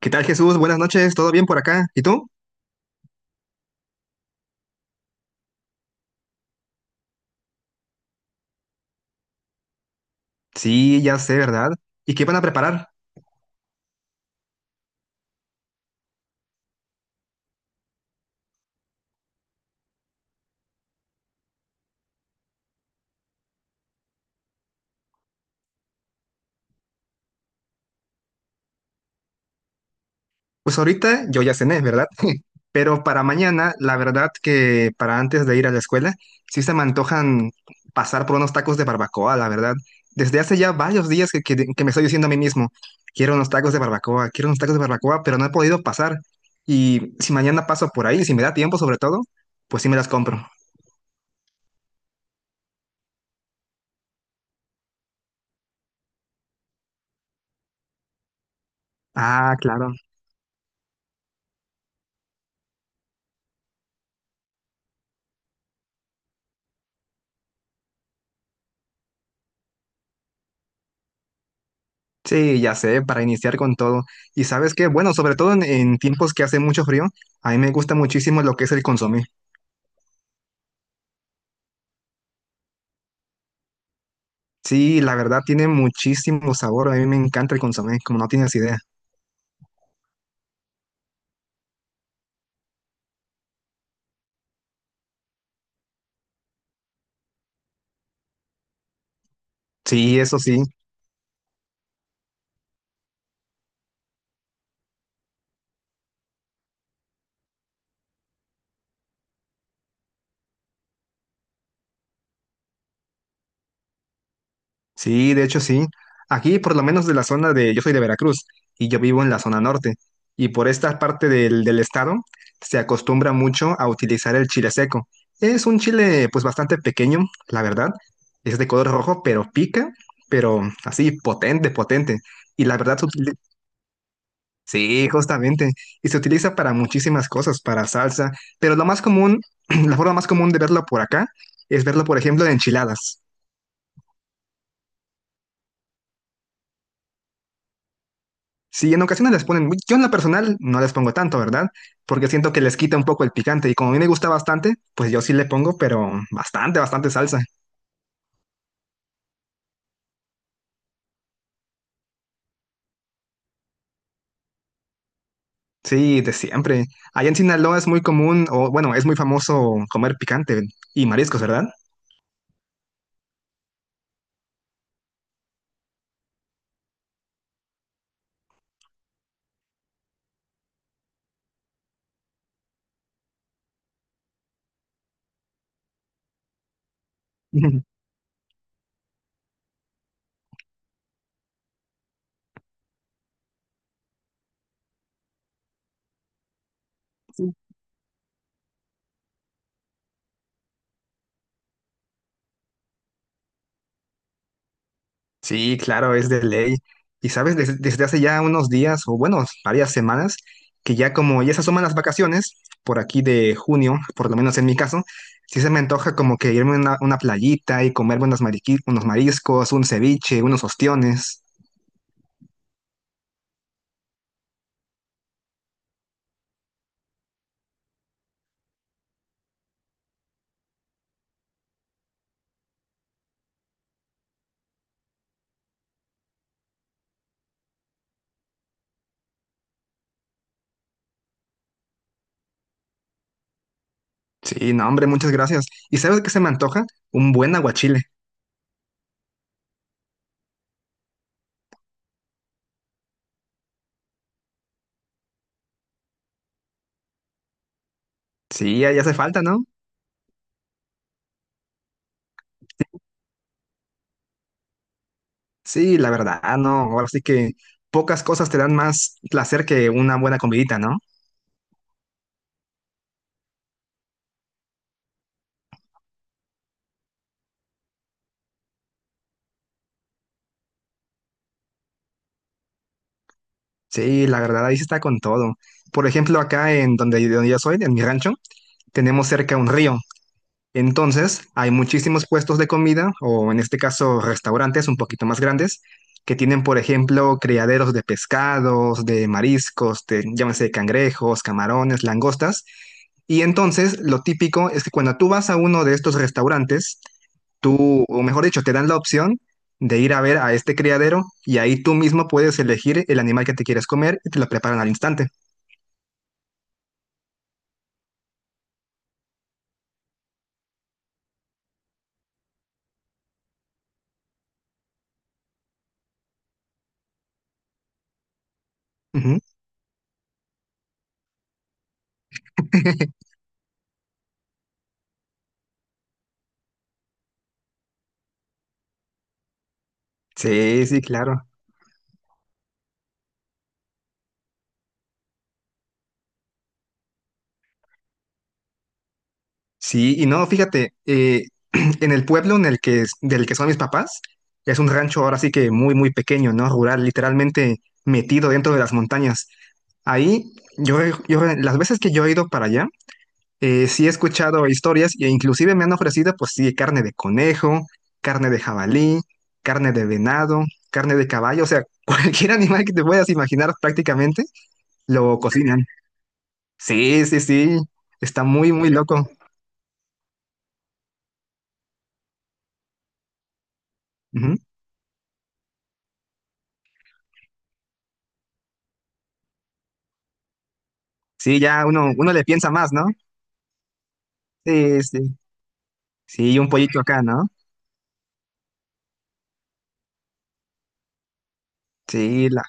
¿Qué tal, Jesús? Buenas noches, ¿todo bien por acá? ¿Y tú? Sí, ya sé, ¿verdad? ¿Y qué van a preparar? Pues ahorita yo ya cené, ¿verdad? Pero para mañana, la verdad que para antes de ir a la escuela, sí se me antojan pasar por unos tacos de barbacoa, la verdad. Desde hace ya varios días que me estoy diciendo a mí mismo, quiero unos tacos de barbacoa, quiero unos tacos de barbacoa, pero no he podido pasar. Y si mañana paso por ahí, si me da tiempo sobre todo, pues sí me las compro. Ah, claro. Sí, ya sé, para iniciar con todo. Y sabes qué, bueno, sobre todo en tiempos que hace mucho frío, a mí me gusta muchísimo lo que es el consomé. Sí, la verdad tiene muchísimo sabor, a mí me encanta el consomé, como no tienes idea. Sí, eso sí. Sí, de hecho sí. Aquí, por lo menos de la zona de, yo soy de Veracruz y yo vivo en la zona norte. Y por esta parte del estado se acostumbra mucho a utilizar el chile seco. Es un chile pues bastante pequeño, la verdad. Es de color rojo, pero pica, pero así potente, potente. Y la verdad, sí, justamente. Y se utiliza para muchísimas cosas, para salsa. Pero lo más común, la forma más común de verlo por acá es verlo, por ejemplo, en enchiladas. Sí, en ocasiones les ponen, yo en la personal no les pongo tanto, ¿verdad? Porque siento que les quita un poco el picante y como a mí me gusta bastante, pues yo sí le pongo, pero bastante, bastante salsa. Sí, de siempre. Allá en Sinaloa es muy común, o bueno, es muy famoso comer picante y mariscos, ¿verdad? Sí, claro, es de ley. Y sabes, desde hace ya unos días, o bueno, varias semanas, que ya como ya se asoman las vacaciones, por aquí de junio, por lo menos en mi caso, sí se me antoja como que irme a una playita y comerme unos, unos mariscos, un ceviche, unos ostiones. Sí, no, hombre, muchas gracias. ¿Y sabes qué se me antoja? Un buen aguachile. Sí, ya, ya hace falta, ¿no? Sí, la verdad, no. Ahora sí que pocas cosas te dan más placer que una buena comidita, ¿no? Sí, la verdad, ahí sí está con todo. Por ejemplo, acá en donde, donde yo soy, en mi rancho, tenemos cerca un río. Entonces, hay muchísimos puestos de comida, o en este caso restaurantes un poquito más grandes, que tienen, por ejemplo, criaderos de pescados, de mariscos, de, llámese cangrejos, camarones, langostas. Y entonces, lo típico es que cuando tú vas a uno de estos restaurantes, tú, o mejor dicho, te dan la opción de ir a ver a este criadero y ahí tú mismo puedes elegir el animal que te quieres comer y te lo preparan al instante. Ujú. Sí, sí, claro. Sí, y no, fíjate, en el pueblo en el que, del que son mis papás, es un rancho ahora sí que muy, muy pequeño, ¿no? Rural, literalmente metido dentro de las montañas. Ahí, las veces que yo he ido para allá, sí he escuchado historias e inclusive me han ofrecido, pues sí, carne de conejo, carne de jabalí, carne de venado, carne de caballo, o sea, cualquier animal que te puedas imaginar prácticamente lo cocinan. Sí, sí, sí, está muy, muy loco. Sí, ya uno, uno le piensa más, ¿no? Sí, sí. Sí, un pollito acá, ¿no? Sí, la,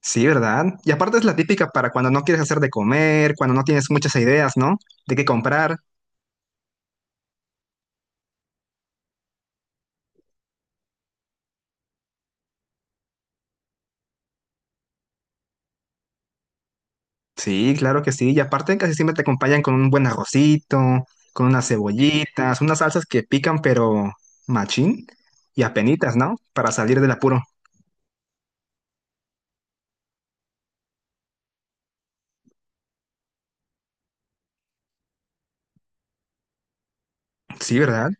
sí, ¿verdad? Y aparte es la típica para cuando no quieres hacer de comer, cuando no tienes muchas ideas, ¿no? De qué comprar. Sí, claro que sí. Y aparte casi siempre te acompañan con un buen arrocito, con unas cebollitas, unas salsas que pican, pero machín y apenitas, ¿no? Para salir del apuro. Sí, ¿verdad?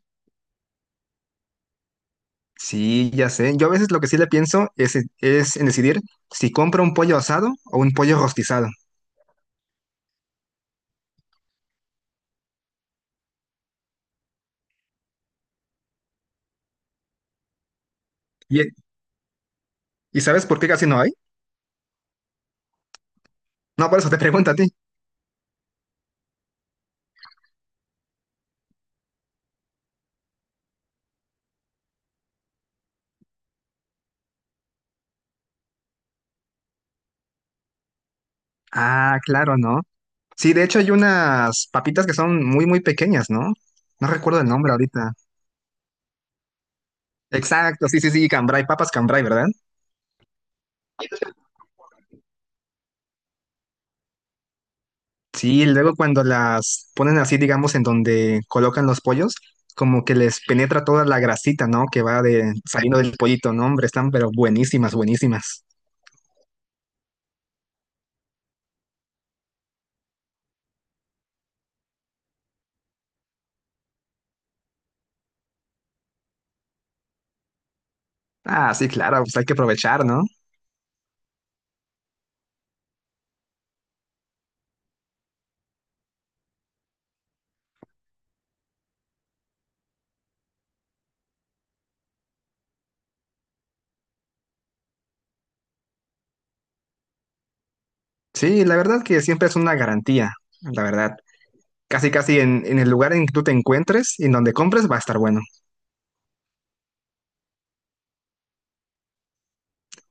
Sí, ya sé. Yo a veces lo que sí le pienso es en decidir si compro un pollo asado o un pollo rostizado. ¿Y sabes por qué casi no hay? No, por eso te pregunto a ti. Ah, claro, ¿no? Sí, de hecho hay unas papitas que son muy, muy pequeñas, ¿no? No recuerdo el nombre ahorita. Exacto, sí, sí, sí, cambray, papas cambray, ¿verdad? Sí, luego cuando las ponen así, digamos, en donde colocan los pollos, como que les penetra toda la grasita, ¿no? Que va de, saliendo del pollito, ¿no? Hombre, están pero buenísimas, buenísimas. Ah, sí, claro, pues hay que aprovechar, ¿no? Sí, la verdad que siempre es una garantía, la verdad. Casi, casi en el lugar en que tú te encuentres y en donde compres va a estar bueno.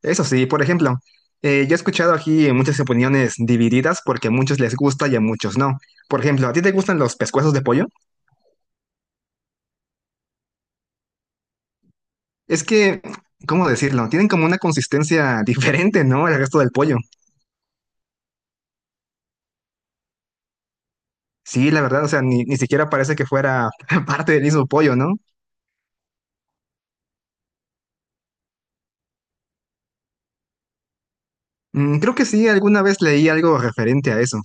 Eso sí, por ejemplo, yo he escuchado aquí muchas opiniones divididas porque a muchos les gusta y a muchos no. Por ejemplo, ¿a ti te gustan los pescuezos de pollo? Es que, ¿cómo decirlo? Tienen como una consistencia diferente, ¿no? Al resto del pollo. Sí, la verdad, o sea, ni siquiera parece que fuera parte del mismo pollo, ¿no? Mm, creo que sí, alguna vez leí algo referente a eso.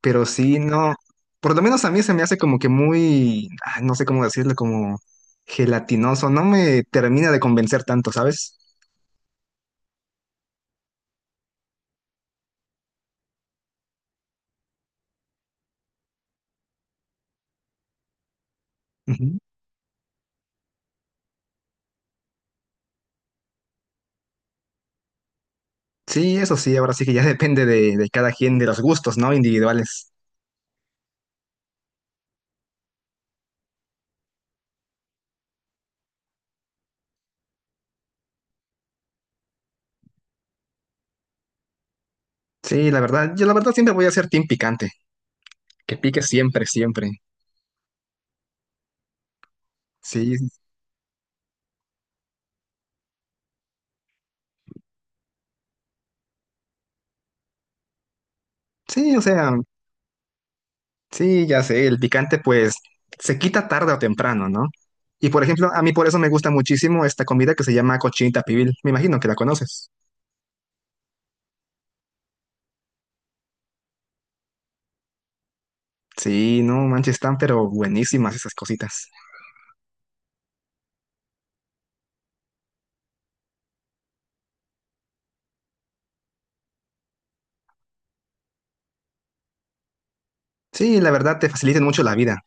Pero sí, no, por lo menos a mí se me hace como que muy, ah, no sé cómo decirlo, como gelatinoso, no me termina de convencer tanto, ¿sabes? Ujú. Sí, eso sí, ahora sí que ya depende de cada quien, de los gustos, ¿no? Individuales. Sí, la verdad, yo la verdad siempre voy a ser team picante, que pique siempre, siempre. Sí, sí, o sea, sí, ya sé, el picante pues se quita tarde o temprano, ¿no? Y por ejemplo, a mí por eso me gusta muchísimo esta comida que se llama cochinita pibil, me imagino que la conoces. Sí, no manches, están pero buenísimas esas cositas. Sí, la verdad te facilitan mucho la vida.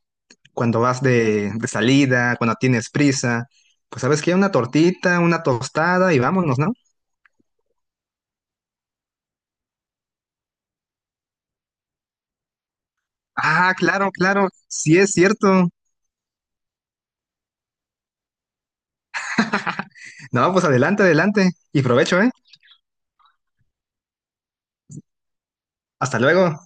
Cuando vas de salida, cuando tienes prisa, pues sabes que hay una tortita, una tostada y vámonos, ¿no? Ah, claro, claro, sí es cierto. No, pues adelante, adelante y provecho, ¿eh? Hasta luego.